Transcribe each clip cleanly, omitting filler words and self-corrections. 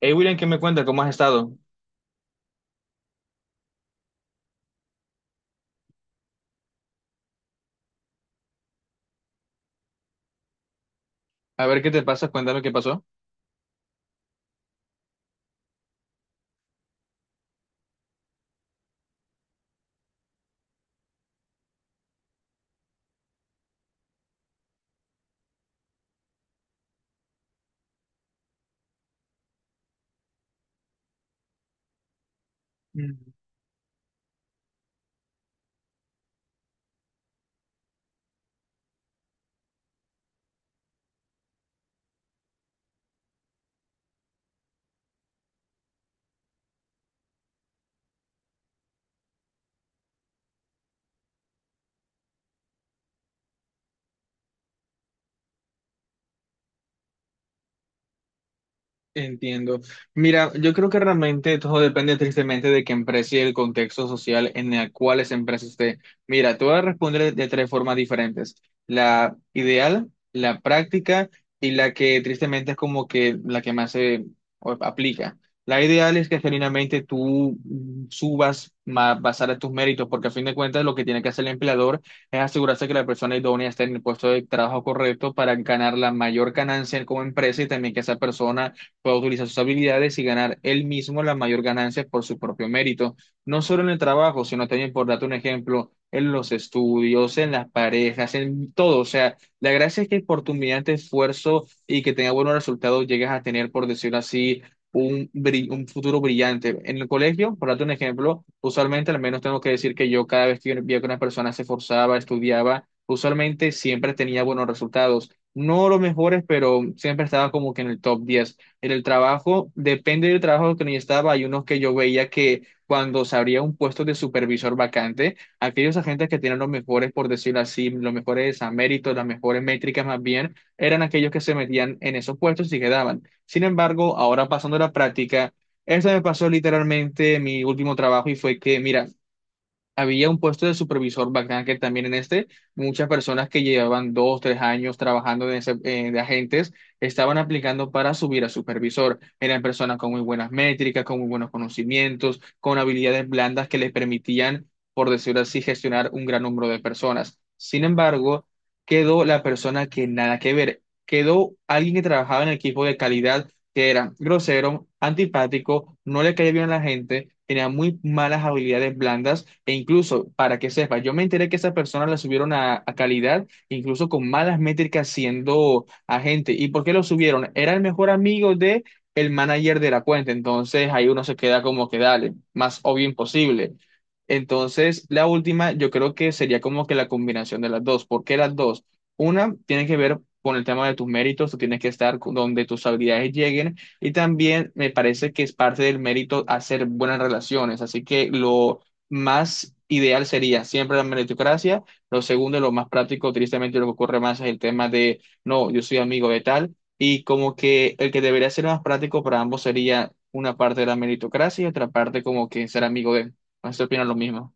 Hey William, ¿qué me cuenta? ¿Cómo has estado? A ver qué te pasa, cuéntame qué pasó. Entiendo. Mira, yo creo que realmente todo depende tristemente de qué empresa y el contexto social en el cual esa empresa esté. Mira, te voy a responder de tres formas diferentes. La ideal, la práctica y la que tristemente es como que la que más se aplica. La ideal es que genuinamente tú subas más basada en tus méritos, porque a fin de cuentas lo que tiene que hacer el empleador es asegurarse que la persona idónea esté en el puesto de trabajo correcto para ganar la mayor ganancia como empresa y también que esa persona pueda utilizar sus habilidades y ganar él mismo las mayor ganancias por su propio mérito, no solo en el trabajo, sino también, por darte un ejemplo, en los estudios, en las parejas, en todo. O sea, la gracia es que por tu mediante esfuerzo y que tenga buenos resultados, llegas a tener, por decirlo así, un futuro brillante. En el colegio, por darte un ejemplo, usualmente, al menos tengo que decir que yo cada vez que veía que una persona se esforzaba, estudiaba, usualmente siempre tenía buenos resultados. No los mejores, pero siempre estaba como que en el top 10 en el trabajo, depende del trabajo que yo estaba, hay unos que yo veía que cuando se abría un puesto de supervisor vacante, aquellos agentes que tenían los mejores, por decirlo así, los mejores a méritos, las mejores métricas más bien, eran aquellos que se metían en esos puestos y quedaban. Sin embargo, ahora pasando a la práctica, eso me pasó literalmente en mi último trabajo y fue que, mira, había un puesto de supervisor bacán que también en este, muchas personas que llevaban dos, tres años trabajando de agentes estaban aplicando para subir a supervisor. Eran personas con muy buenas métricas, con muy buenos conocimientos, con habilidades blandas que les permitían, por decirlo así, gestionar un gran número de personas. Sin embargo, quedó la persona que nada que ver. Quedó alguien que trabajaba en el equipo de calidad que era grosero, antipático, no le caía bien a la gente, tenía muy malas habilidades blandas e incluso, para que sepa, yo me enteré que esa persona la subieron a calidad, incluso con malas métricas siendo agente. ¿Y por qué lo subieron? Era el mejor amigo de el manager de la cuenta, entonces ahí uno se queda como que dale, más obvio imposible. Entonces, la última, yo creo que sería como que la combinación de las dos. ¿Por qué las dos? Una tiene que ver con el tema de tus méritos, tú tienes que estar donde tus habilidades lleguen y también me parece que es parte del mérito hacer buenas relaciones, así que lo más ideal sería siempre la meritocracia, lo segundo, lo más práctico, tristemente lo que ocurre más es el tema de, no, yo soy amigo de tal y como que el que debería ser más práctico para ambos sería una parte de la meritocracia y otra parte como que ser amigo de, no sé opina lo mismo.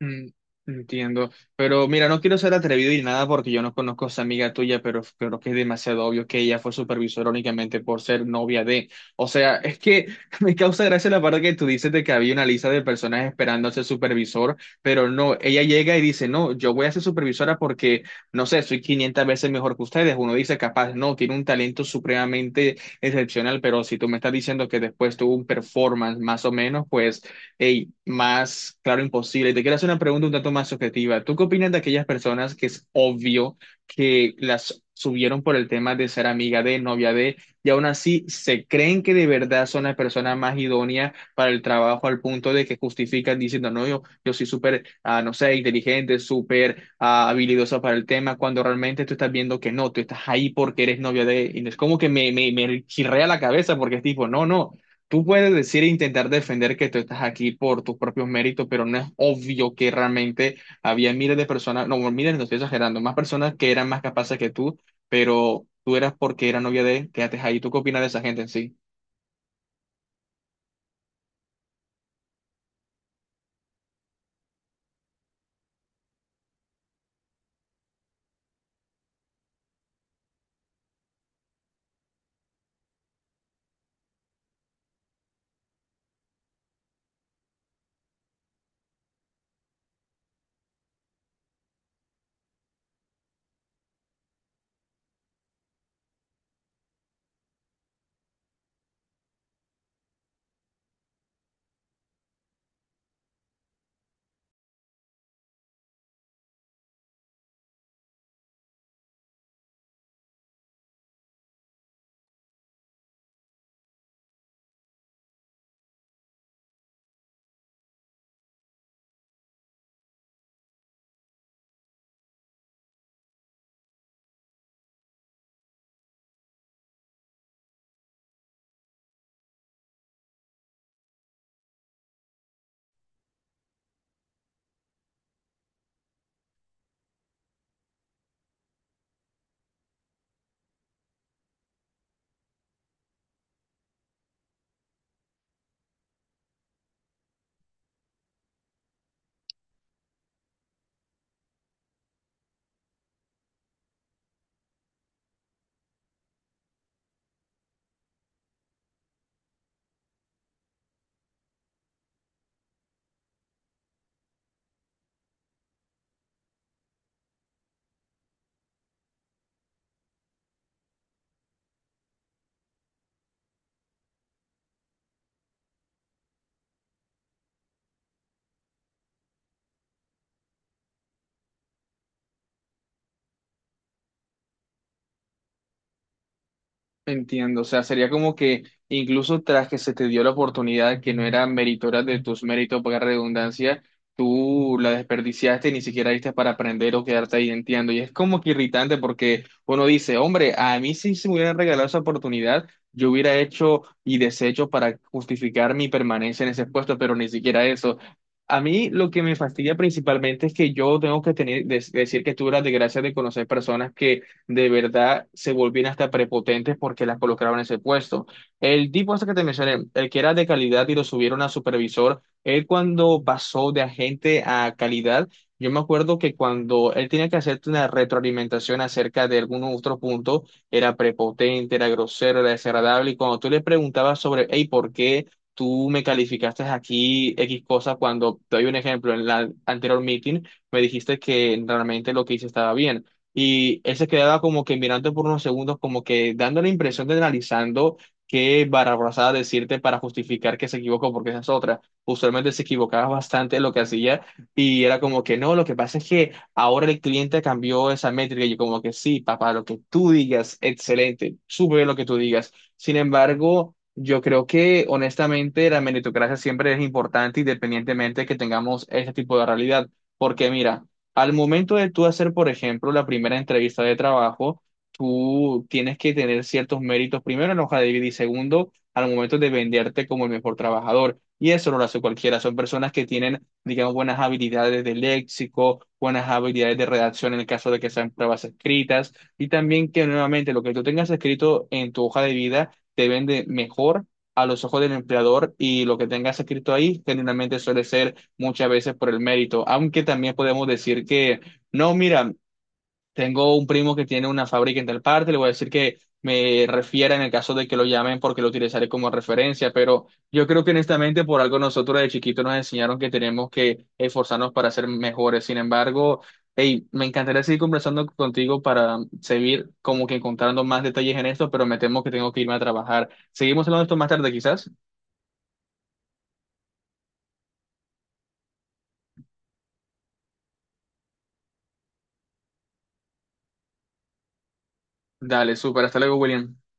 Mm, Entiendo, pero mira, no quiero ser atrevido y nada porque yo no conozco a esa amiga tuya, pero creo que es demasiado obvio que ella fue supervisora únicamente por ser novia de. O sea, es que me causa gracia la parte que tú dices de que había una lista de personas esperando a ser supervisor, pero no, ella llega y dice, no, yo voy a ser supervisora porque, no sé, soy 500 veces mejor que ustedes. Uno dice, capaz, no, tiene un talento supremamente excepcional, pero si tú me estás diciendo que después tuvo un performance más o menos, pues... Hey, más claro imposible. Y te quiero hacer una pregunta un tanto más subjetiva. ¿Tú qué opinas de aquellas personas que es obvio que las subieron por el tema de ser amiga de, novia de, y aún así se creen que de verdad son las personas más idóneas para el trabajo al punto de que justifican diciendo, no, yo soy súper, no sé, inteligente, súper habilidosa para el tema, cuando realmente tú estás viendo que no, tú estás ahí porque eres novia de, y no es como que me chirrea la cabeza porque es tipo, no, no. Tú puedes decir e intentar defender que tú estás aquí por tus propios méritos, pero no es obvio que realmente había miles de personas, no, bueno, miles, no estoy exagerando, más personas que eran más capaces que tú, pero tú eras porque era novia de, quédate ahí. ¿Tú qué opinas de esa gente en sí? Entiendo, o sea, sería como que incluso tras que se te dio la oportunidad que no era meritoria de tus méritos, para redundancia, tú la desperdiciaste y ni siquiera diste para aprender o quedarte ahí, entiendo. Y es como que irritante porque uno dice, hombre, a mí sí se me hubiera regalado esa oportunidad, yo hubiera hecho y deshecho para justificar mi permanencia en ese puesto, pero ni siquiera eso. A mí lo que me fastidia principalmente es que yo tengo que tener, decir que tuve la desgracia de conocer personas que de verdad se volvían hasta prepotentes porque las colocaban en ese puesto. El tipo este que te mencioné, el que era de calidad y lo subieron a supervisor, él cuando pasó de agente a calidad, yo me acuerdo que cuando él tenía que hacerte una retroalimentación acerca de algún otro punto, era prepotente, era grosero, era desagradable, y cuando tú le preguntabas sobre, hey, ¿por qué? Tú me calificaste aquí X cosa cuando te doy un ejemplo en la anterior meeting, me dijiste que realmente lo que hice estaba bien y él se quedaba como que mirando por unos segundos, como que dando la impresión de analizando qué barrabasada decirte para justificar que se equivocó, porque esa es otra. Usualmente se equivocaba bastante en lo que hacía y era como que no, lo que pasa es que ahora el cliente cambió esa métrica y yo como que sí, papá, lo que tú digas, excelente, súper bien lo que tú digas. Sin embargo... Yo creo que honestamente la meritocracia siempre es importante independientemente que tengamos este tipo de realidad, porque mira, al momento de tú hacer, por ejemplo, la primera entrevista de trabajo, tú tienes que tener ciertos méritos, primero en la hoja de vida y segundo, al momento de venderte como el mejor trabajador. Y eso no lo hace cualquiera. Son personas que tienen, digamos, buenas habilidades de léxico, buenas habilidades de redacción en el caso de que sean pruebas escritas. Y también que nuevamente lo que tú tengas escrito en tu hoja de vida te vende mejor a los ojos del empleador y lo que tengas escrito ahí generalmente suele ser muchas veces por el mérito, aunque también podemos decir que, no, mira, tengo un primo que tiene una fábrica en tal parte, le voy a decir que me refiera en el caso de que lo llamen porque lo utilizaré como referencia, pero yo creo que honestamente por algo nosotros de chiquitos nos enseñaron que tenemos que esforzarnos para ser mejores, sin embargo... Hey, me encantaría seguir conversando contigo para seguir como que encontrando más detalles en esto, pero me temo que tengo que irme a trabajar. Seguimos hablando de esto más tarde, quizás. Dale, súper. Hasta luego, William.